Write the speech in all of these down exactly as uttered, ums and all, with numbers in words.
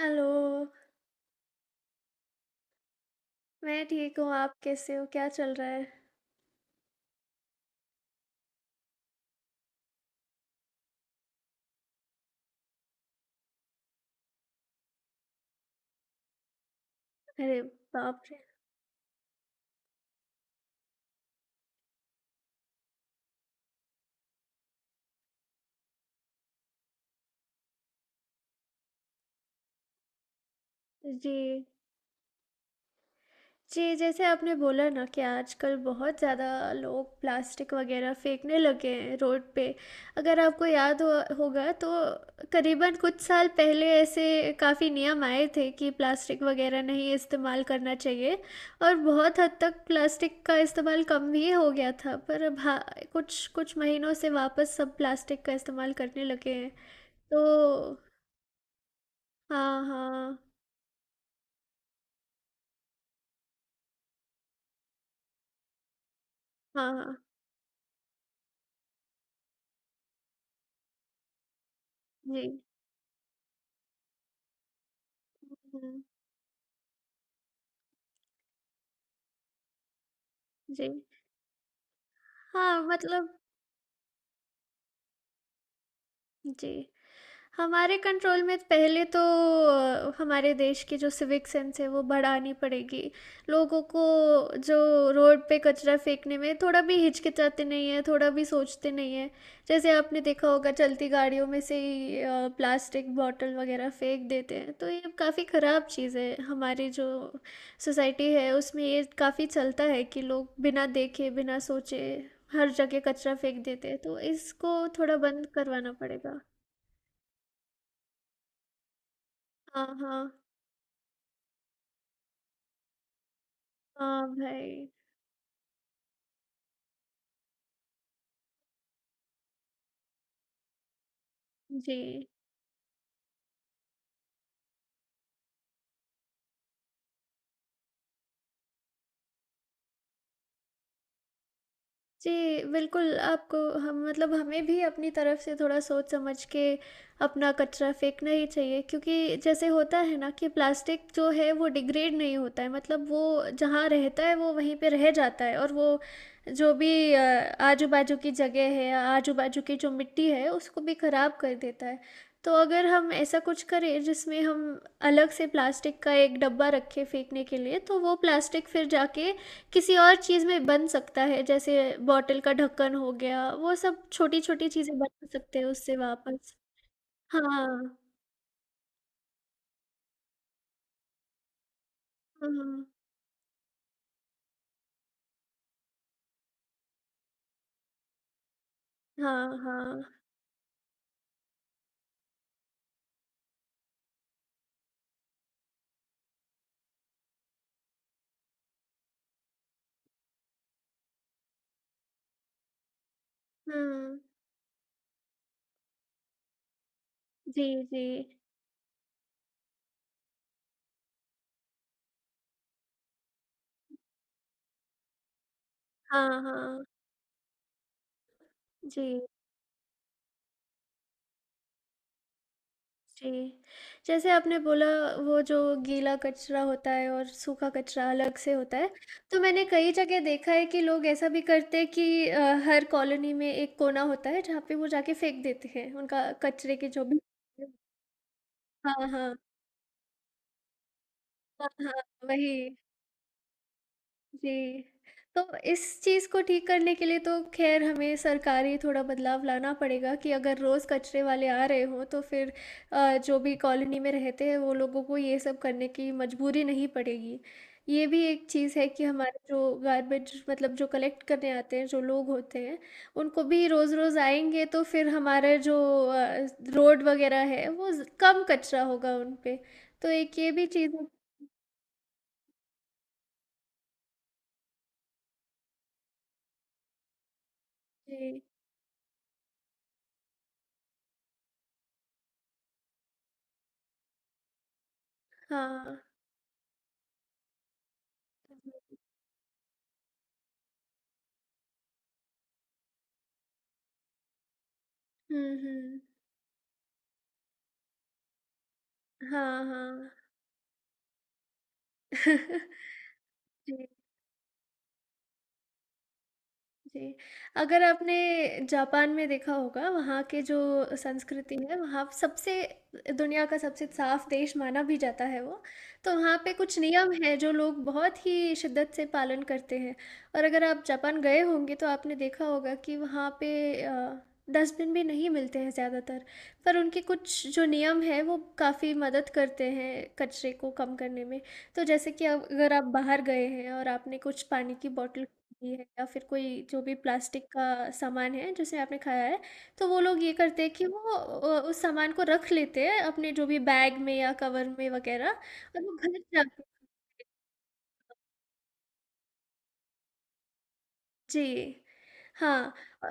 Hello, मैं ठीक हूँ, आप कैसे हो? क्या चल रहा है? अरे बाप रे! जी। जी, जैसे आपने बोला ना कि आजकल बहुत ज़्यादा लोग प्लास्टिक वगैरह फेंकने लगे हैं रोड पे। अगर आपको याद हो होगा तो करीबन कुछ साल पहले ऐसे काफ़ी नियम आए थे कि प्लास्टिक वगैरह नहीं इस्तेमाल करना चाहिए और बहुत हद तक प्लास्टिक का इस्तेमाल कम भी हो गया था। पर अब हाँ, कुछ कुछ महीनों से वापस सब प्लास्टिक का इस्तेमाल करने लगे हैं। तो हाँ, हाँ। हाँ, हाँ। जी। हुँ, हुँ। जी। हाँ, मतलब जी। हमारे कंट्रोल में पहले तो अ, हमारे देश की जो सिविक सेंस है वो बढ़ानी पड़ेगी। लोगों को जो रोड पे कचरा फेंकने में थोड़ा भी हिचकिचाते नहीं हैं, थोड़ा भी सोचते नहीं हैं। जैसे आपने देखा होगा चलती गाड़ियों में से ही अ, प्लास्टिक बॉटल वगैरह फेंक देते हैं, तो ये काफ़ी ख़राब चीज़ है। हमारी जो सोसाइटी है उसमें ये काफ़ी चलता है कि लोग बिना देखे, बिना सोचे हर जगह कचरा फेंक देते हैं, तो इसको थोड़ा बंद करवाना पड़ेगा। हाँ, हाँ। हाँ भाई, जी। जी, बिल्कुल आपको हम मतलब हमें भी अपनी तरफ से थोड़ा सोच समझ के अपना कचरा फेंकना ही चाहिए क्योंकि जैसे होता है ना कि प्लास्टिक जो है वो डिग्रेड नहीं होता है मतलब वो जहाँ रहता है वो वहीं पे रह जाता है और वो जो भी अ, आजू-बाजू की जगह है, आजू-बाजू की जो मिट्टी है उसको भी खराब कर देता है। तो अगर हम ऐसा कुछ करें जिसमें हम अलग से प्लास्टिक का एक डब्बा रखें फेंकने के लिए तो वो प्लास्टिक फिर जाके किसी और चीज़ में बन सकता है, जैसे बॉटल का ढक्कन हो गया, वो सब छोटी-छोटी चीज़ें बना सकते हैं उससे वापस। हाँ। हुँ, हाँ, हाँ। हुँ। जी, जी। हाँ, हाँ। जी, जी। जैसे आपने बोला वो जो गीला कचरा होता है और सूखा कचरा अलग से होता है, तो मैंने कई जगह देखा है कि लोग ऐसा भी करते हैं कि अ, हर कॉलोनी में एक कोना होता है जहाँ पे वो जाके फेंक देते हैं, उनका कचरे के जो भी हाँ, हाँ। हाँ, हाँ, वही। जी, तो इस चीज़ को ठीक करने के लिए तो ख़ैर हमें सरकारी थोड़ा बदलाव लाना पड़ेगा कि अगर रोज़ कचरे वाले आ रहे हों, तो फिर अ, जो भी कॉलोनी में रहते हैं, वो लोगों को ये सब करने की मजबूरी नहीं पड़ेगी। ये भी एक चीज़ है कि हमारे जो गार्बेज मतलब जो कलेक्ट करने आते हैं, जो लोग होते हैं, उनको भी रोज़-रोज़ आएँगे, तो फिर हमारे जो अ, रोड वग़ैरह है, वो ज़ कम कचरा होगा उन पे। तो एक ये भी चीज़ जी, हाँ। हुँ, हुँ। हाँ, हाँ। जी। जी, अगर आपने जापान में देखा होगा, वहाँ के जो संस्कृति है, वहाँ सबसे दुनिया का सबसे साफ़ देश माना भी जाता है वो। तो वहाँ पे कुछ नियम हैं जो लोग बहुत ही शिद्दत से पालन करते हैं और अगर आप जापान गए होंगे तो आपने देखा होगा कि वहाँ पे अ, डस्टबिन भी नहीं मिलते हैं ज़्यादातर, पर उनके कुछ जो नियम हैं वो काफ़ी मदद करते हैं कचरे को कम करने में। तो जैसे कि अब अगर आप बाहर गए हैं और आपने कुछ पानी की बॉटल ये है या फिर कोई जो भी प्लास्टिक का सामान है जैसे आपने खाया है, तो वो लोग ये करते हैं कि वो अ, उस सामान को रख लेते हैं अपने जो भी बैग में या कवर में वगैरह और वो घर जाके जी। हाँ अ,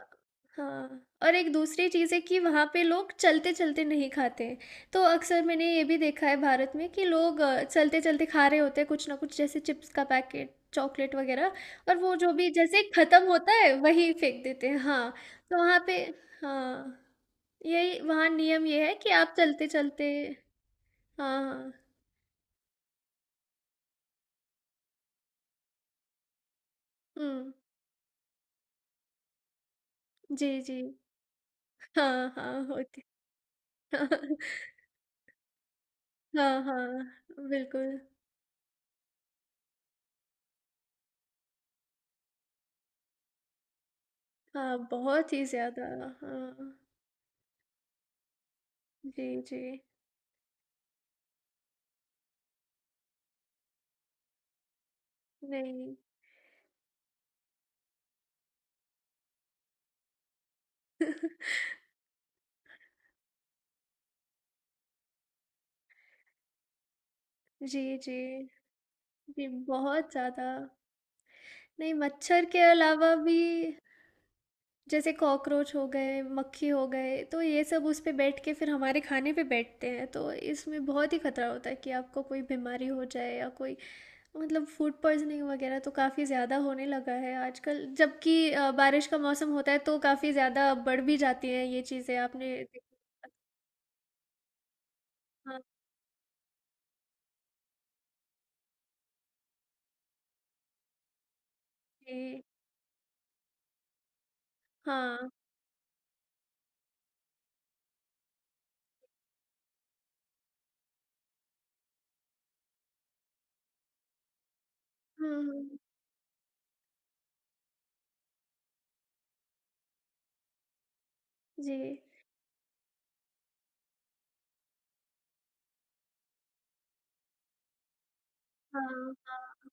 हाँ और एक दूसरी चीज़ है कि वहाँ पे लोग चलते-चलते नहीं खाते हैं। तो अक्सर मैंने ये भी देखा है भारत में कि लोग अ, चलते-चलते खा रहे होते हैं कुछ ना कुछ जैसे चिप्स का पैकेट, चॉकलेट वग़ैरह और वो जो भी जैसे ख़त्म होता है वही फेंक देते हैं। हाँ, तो वहाँ पे हाँ, यही वहाँ नियम ये है कि आप चलते-चलते हाँ, हाँ। हुँ। जी, जी। हाँ, हाँ, होती हाँ, हाँ, बिल्कुल। हाँ, बहुत ही ज़्यादा। हाँ। जी, जी। नहीं। जी, जी। जी, बहुत ज़्यादा। नहीं, मच्छर के अलावा भी जैसे कॉकरोच हो गए, मक्खी हो गए, तो ये सब उस पे बैठ के फिर हमारे खाने पे बैठते हैं, तो इसमें बहुत ही खतरा होता है कि आपको कोई बीमारी हो जाए या कोई मतलब फूड पॉइज़निंग वगैरह तो काफ़ी ज़्यादा होने लगा है आजकल। जबकि अ, बारिश का मौसम होता है तो काफ़ी ज़्यादा बढ़ भी जाती हैं ये चीज़ें आपने देखी हाँ, जी। हाँ। हुँ, हुँ। जी। हाँ, हाँ,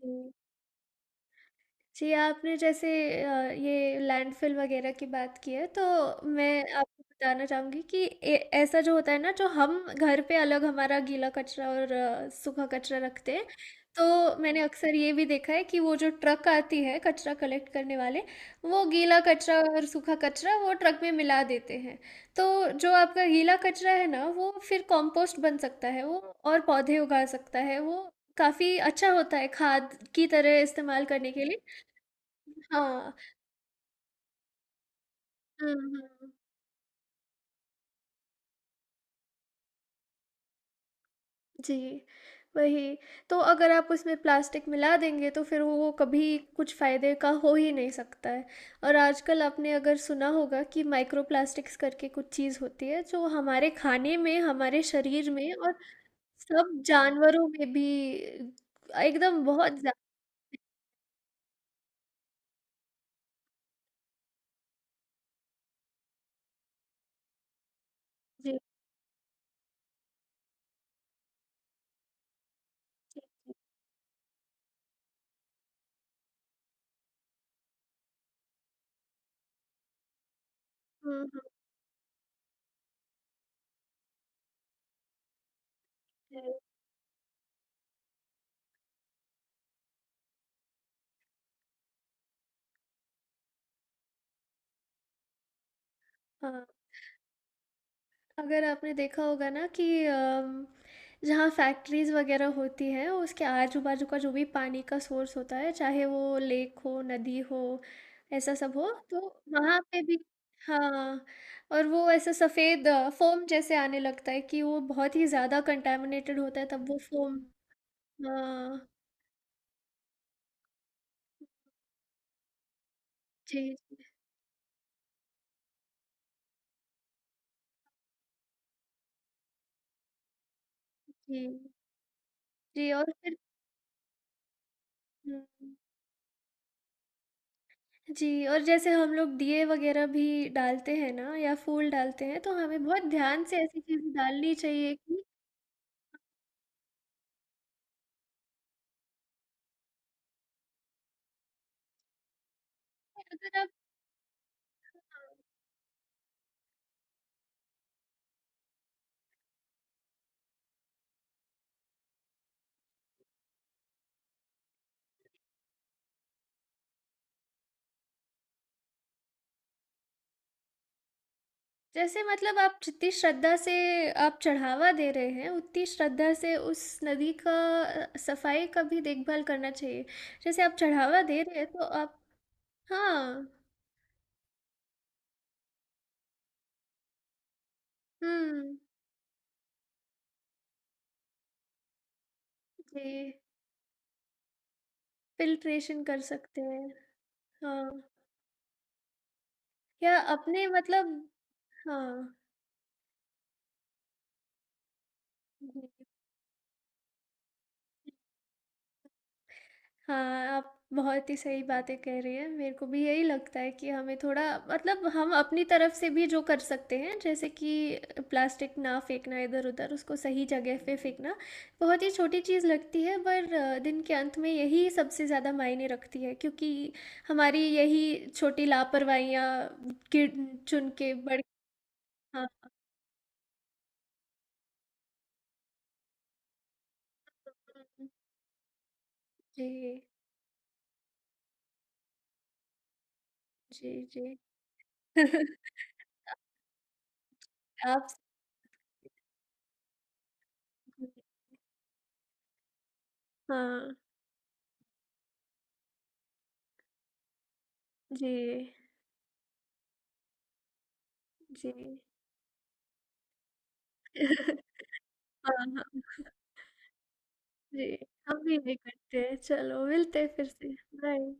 जी। जी, आपने जैसे अ, ये लैंडफ़िल वग़ैरह की बात की है, तो मैं आपको बताना चाहूँगी कि ए ऐसा जो होता है ना, जो हम घर पे अलग हमारा गीला कचरा और अ, सूखा कचरा रखते हैं, तो मैंने अक्सर ये भी देखा है कि वो जो ट्रक आती है कचरा कलेक्ट करने वाले, वो गीला कचरा और सूखा कचरा वो ट्रक में मिला देते हैं। तो जो आपका गीला कचरा है ना, वो फिर कंपोस्ट बन सकता है वो और पौधे उगा सकता है, वो काफ़ी अच्छा होता है खाद की तरह इस्तेमाल करने के लिए। हाँ, हुँ, हुँ। जी, वही। तो अगर आप उसमें प्लास्टिक मिला देंगे तो फिर वो कभी कुछ फ़ायदे का हो ही नहीं सकता है। और आजकल आपने अगर सुना होगा कि माइक्रो प्लास्टिक्स करके कुछ चीज़ होती है जो हमारे खाने में, हमारे शरीर में और सब जानवरों में भी एकदम बहुत ज़्या जी। हुँ, हुँ, हुँ। हाँ। अगर आपने देखा होगा ना कि अम, जहाँ फैक्ट्रीज़ वगैरह होती हैं उसके आजू बाजू का जो भी पानी का सोर्स होता है चाहे वो लेक हो नदी हो ऐसा सब हो तो वहाँ पे भी हाँ और वो ऐसा सफ़ेद फोम जैसे आने लगता है कि वो बहुत ही ज़्यादा कंटेमिनेटेड होता है तब वो फोम हाँ जी जी जी जी और फिर हम्म, जी, और जैसे हम लोग दिए वग़ैरह भी डालते हैं ना या फूल डालते हैं, तो हमें बहुत ध्यान से ऐसी चीज़ें डालनी चाहिए कि अगर आप हाँ, जैसे मतलब आप जितनी श्रद्धा से आप चढ़ावा दे रहे हैं, उतनी श्रद्धा से उस नदी का अ, सफाई का भी देखभाल करना चाहिए। जैसे आप चढ़ावा दे रहे हैं, तो आप हाँ, हुँ, जी, फ़िल्ट्रेशन कर सकते हैं। हाँ, या अपने मतलब हाँ, जी। हाँ, आप बहुत ही सही बातें कह रही हैं। मेरे को भी यही लगता है कि हमें थोड़ा मतलब हम अपनी तरफ से भी जो कर सकते हैं, जैसे कि प्लास्टिक ना फेंकना इधर-उधर, उसको सही जगह पे फेंकना। बहुत ही छोटी चीज़ लगती है पर अ, दिन के अंत में यही सबसे ज़्यादा मायने रखती है क्योंकि हमारी यही छोटी लापरवाहियाँ गिन चुन के बड़ हाँ। जी, जी, जी। आप हाँ, जी, जी। हाँ, हाँ। जी, हम भी नहीं करते हैं। चलो, मिलते हैं फिर से। बाय।